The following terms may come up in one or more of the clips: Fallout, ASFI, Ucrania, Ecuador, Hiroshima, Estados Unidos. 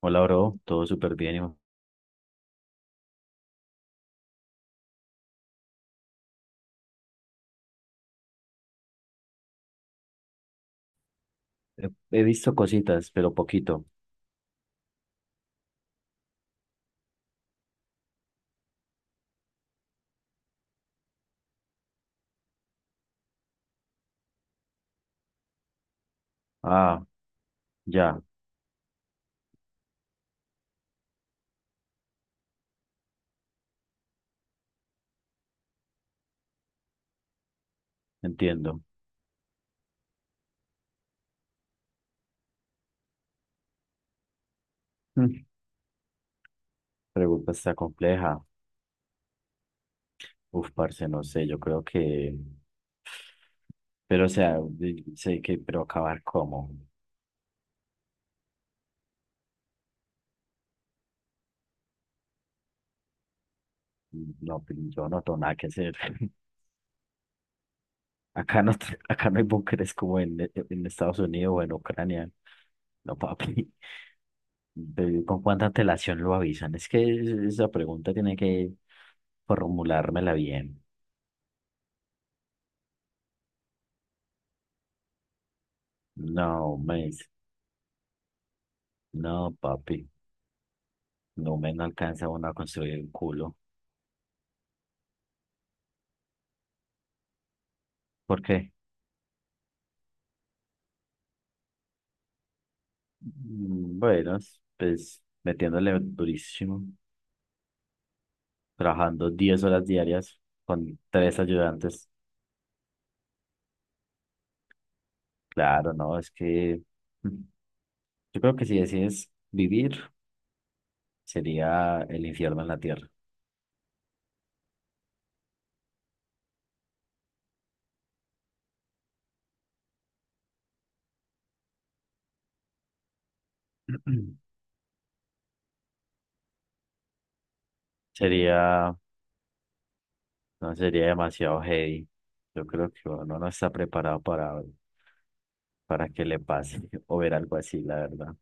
Hola, bro, todo súper bien. Hijo. He visto cositas, pero poquito. Ah, ya, entiendo. Mm. Pregunta está compleja. Uf, parce, no sé, yo creo que Pero, o sea, sé que, pero acabar cómo. No, pues, yo no tengo nada que hacer. Acá no, acá no hay búnkeres como en, en Estados Unidos o en Ucrania. No, papi. Pero, ¿con cuánta antelación lo avisan? Es que esa pregunta tiene que formulármela bien. No, mes. No, papi. No alcanza uno a construir el culo. ¿Por qué? Mm, bueno, pues metiéndole durísimo, trabajando 10 horas diarias con tres ayudantes. Claro, no, es que mm, yo creo que si decides vivir, sería el infierno en la tierra. Sería, no sería demasiado heavy. Yo creo que uno no está preparado para que le pase o ver algo así, la verdad.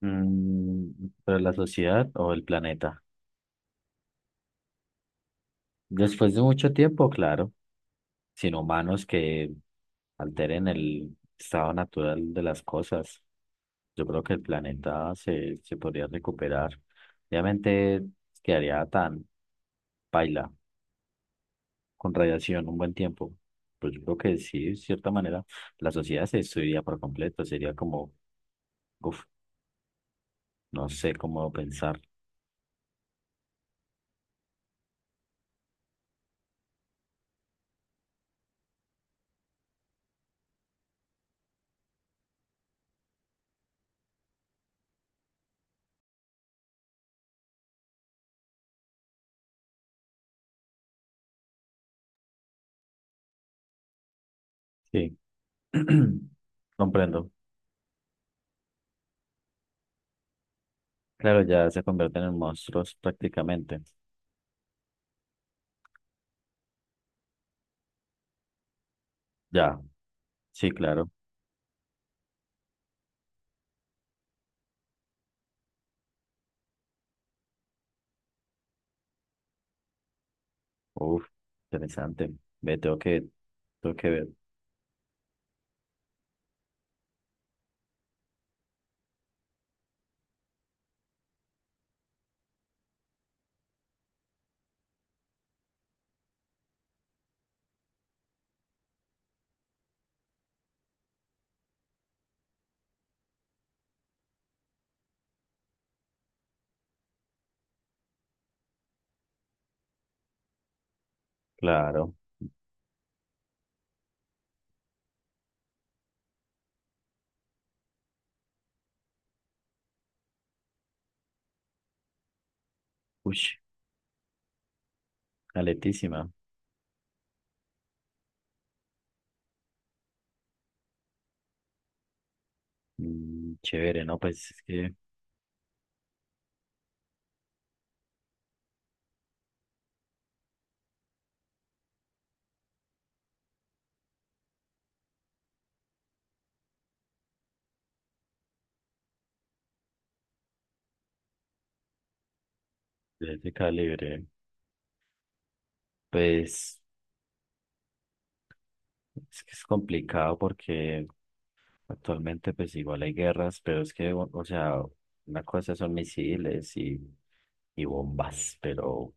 Mm, pero la sociedad o el planeta. Después de mucho tiempo, claro, sin humanos que alteren el estado natural de las cosas, yo creo que el planeta se podría recuperar. Obviamente quedaría tan paila con radiación un buen tiempo. Pues yo creo que sí, de cierta manera, la sociedad se destruiría por completo. Sería como, uff, no sé cómo pensar. Sí, comprendo. Claro, ya se convierten en monstruos prácticamente. Ya, sí, claro. Uf, interesante. Ve, tengo que ver. Claro. Uy, aletísima. Mm, chévere, ¿no? Pues es que de ese calibre, pues es que es complicado porque actualmente pues igual hay guerras, pero es que, o sea, una cosa son misiles y bombas, pero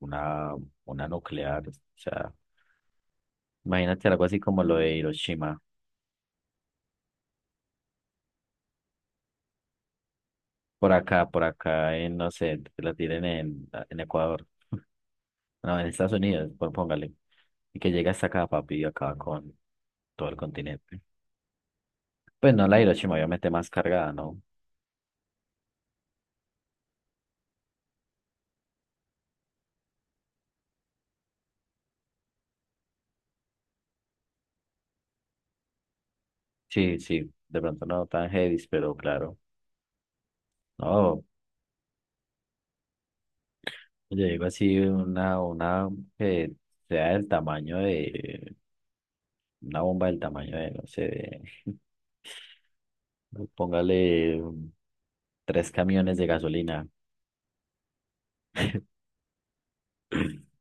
una, una nuclear, o sea, imagínate algo así como lo de Hiroshima. Por acá, en, no sé, que la tiren en, Ecuador. No, en Estados Unidos, pues póngale. Y que llega hasta acá, papi, acá con todo el continente. Pues no, la Hiroshima obviamente más cargada, ¿no? Sí, sí, de pronto no tan heavy, pero claro. No, yo digo así, una que sea del tamaño de, una bomba del tamaño de, no sé, póngale tres camiones de gasolina.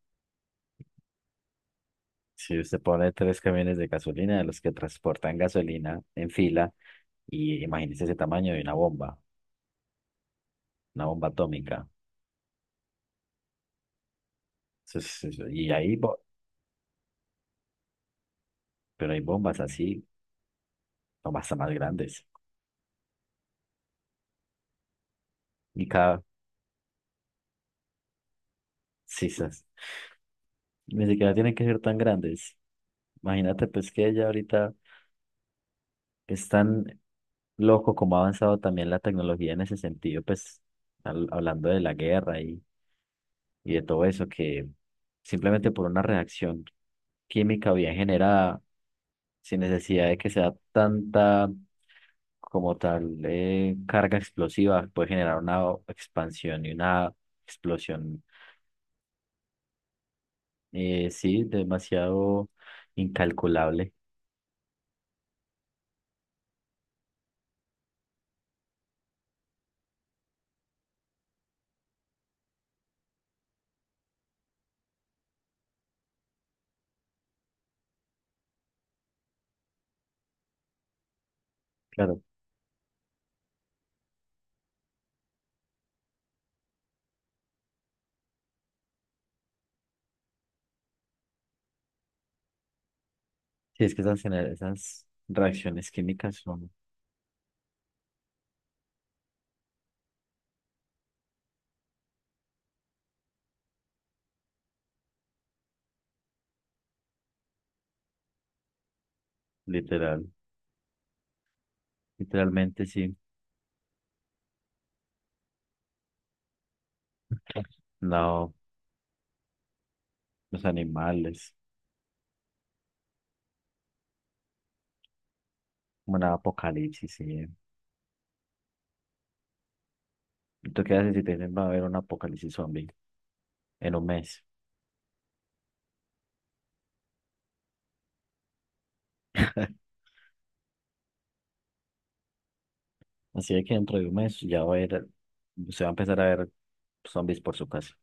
Si usted pone tres camiones de gasolina, de los que transportan gasolina en fila, y imagínese ese tamaño de una bomba. Una bomba atómica. Y ahí, pero hay bombas así, bombas hasta más grandes. Y cada, sí, sí sí. Ni siquiera tienen que ser tan grandes. Imagínate, pues que ya ahorita es tan loco como ha avanzado también la tecnología en ese sentido, pues hablando de la guerra y de todo eso, que simplemente por una reacción química bien generada, sin necesidad de que sea tanta como tal carga explosiva, puede generar una expansión y una explosión, sí, demasiado incalculable. Claro, sí, es que esas, esas reacciones químicas son literal, literalmente sí, no, los animales, como una apocalipsis, sí. ¿Tú qué haces si te dicen va a haber un apocalipsis zombie en un mes? Así de que dentro de un mes ya va a haber, se va a empezar a ver zombies por su casa.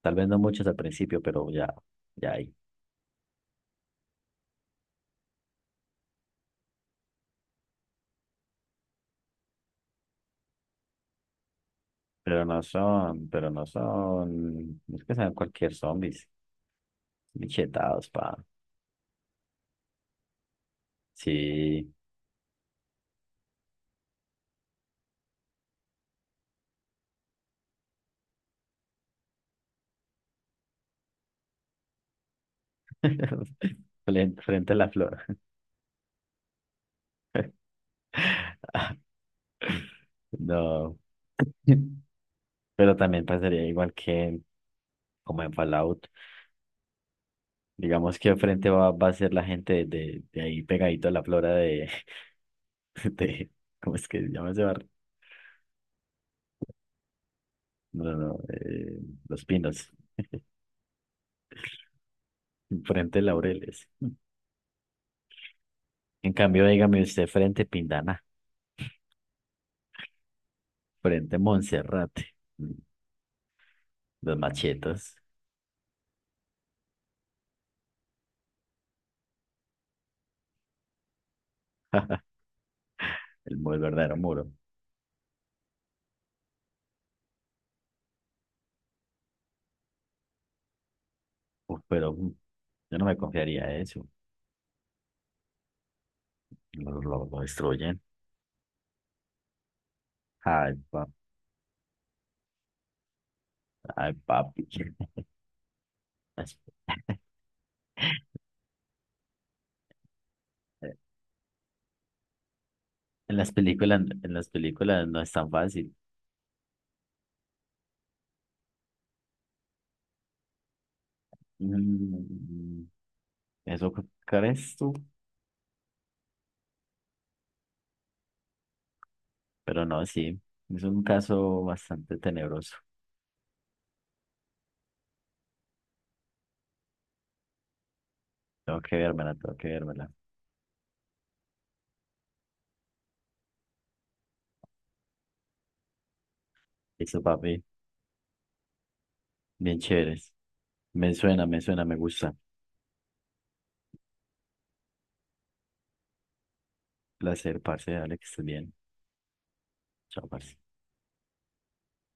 Tal vez no muchos al principio, pero ya, ya hay. Pero no son, es que sean cualquier zombies, bichetados, pa. Sí, frente a la flor. No, pero también pasaría igual que como en Fallout. Digamos que frente va a ser la gente de, ahí pegadito a la flora de, de, ¿cómo es que se llama ese barrio? No, no, no, Los Pinos, frente Laureles. En cambio, dígame usted, frente Pindana. Frente a Monserrate, los machetas, el verdadero muro. Uf, pero yo no me confiaría de eso. Lo destruyen. Ay, ay, papi. Las- eh, en las películas no es tan fácil. Mm, ¿Eso crees tú? Pero no, sí. Es un caso bastante tenebroso. Tengo que vérmela, tengo que vérmela. Eso, papi. Bien chéveres. Me suena, me suena, me gusta. Placer, parce. Dale que estés bien. Chao, parce.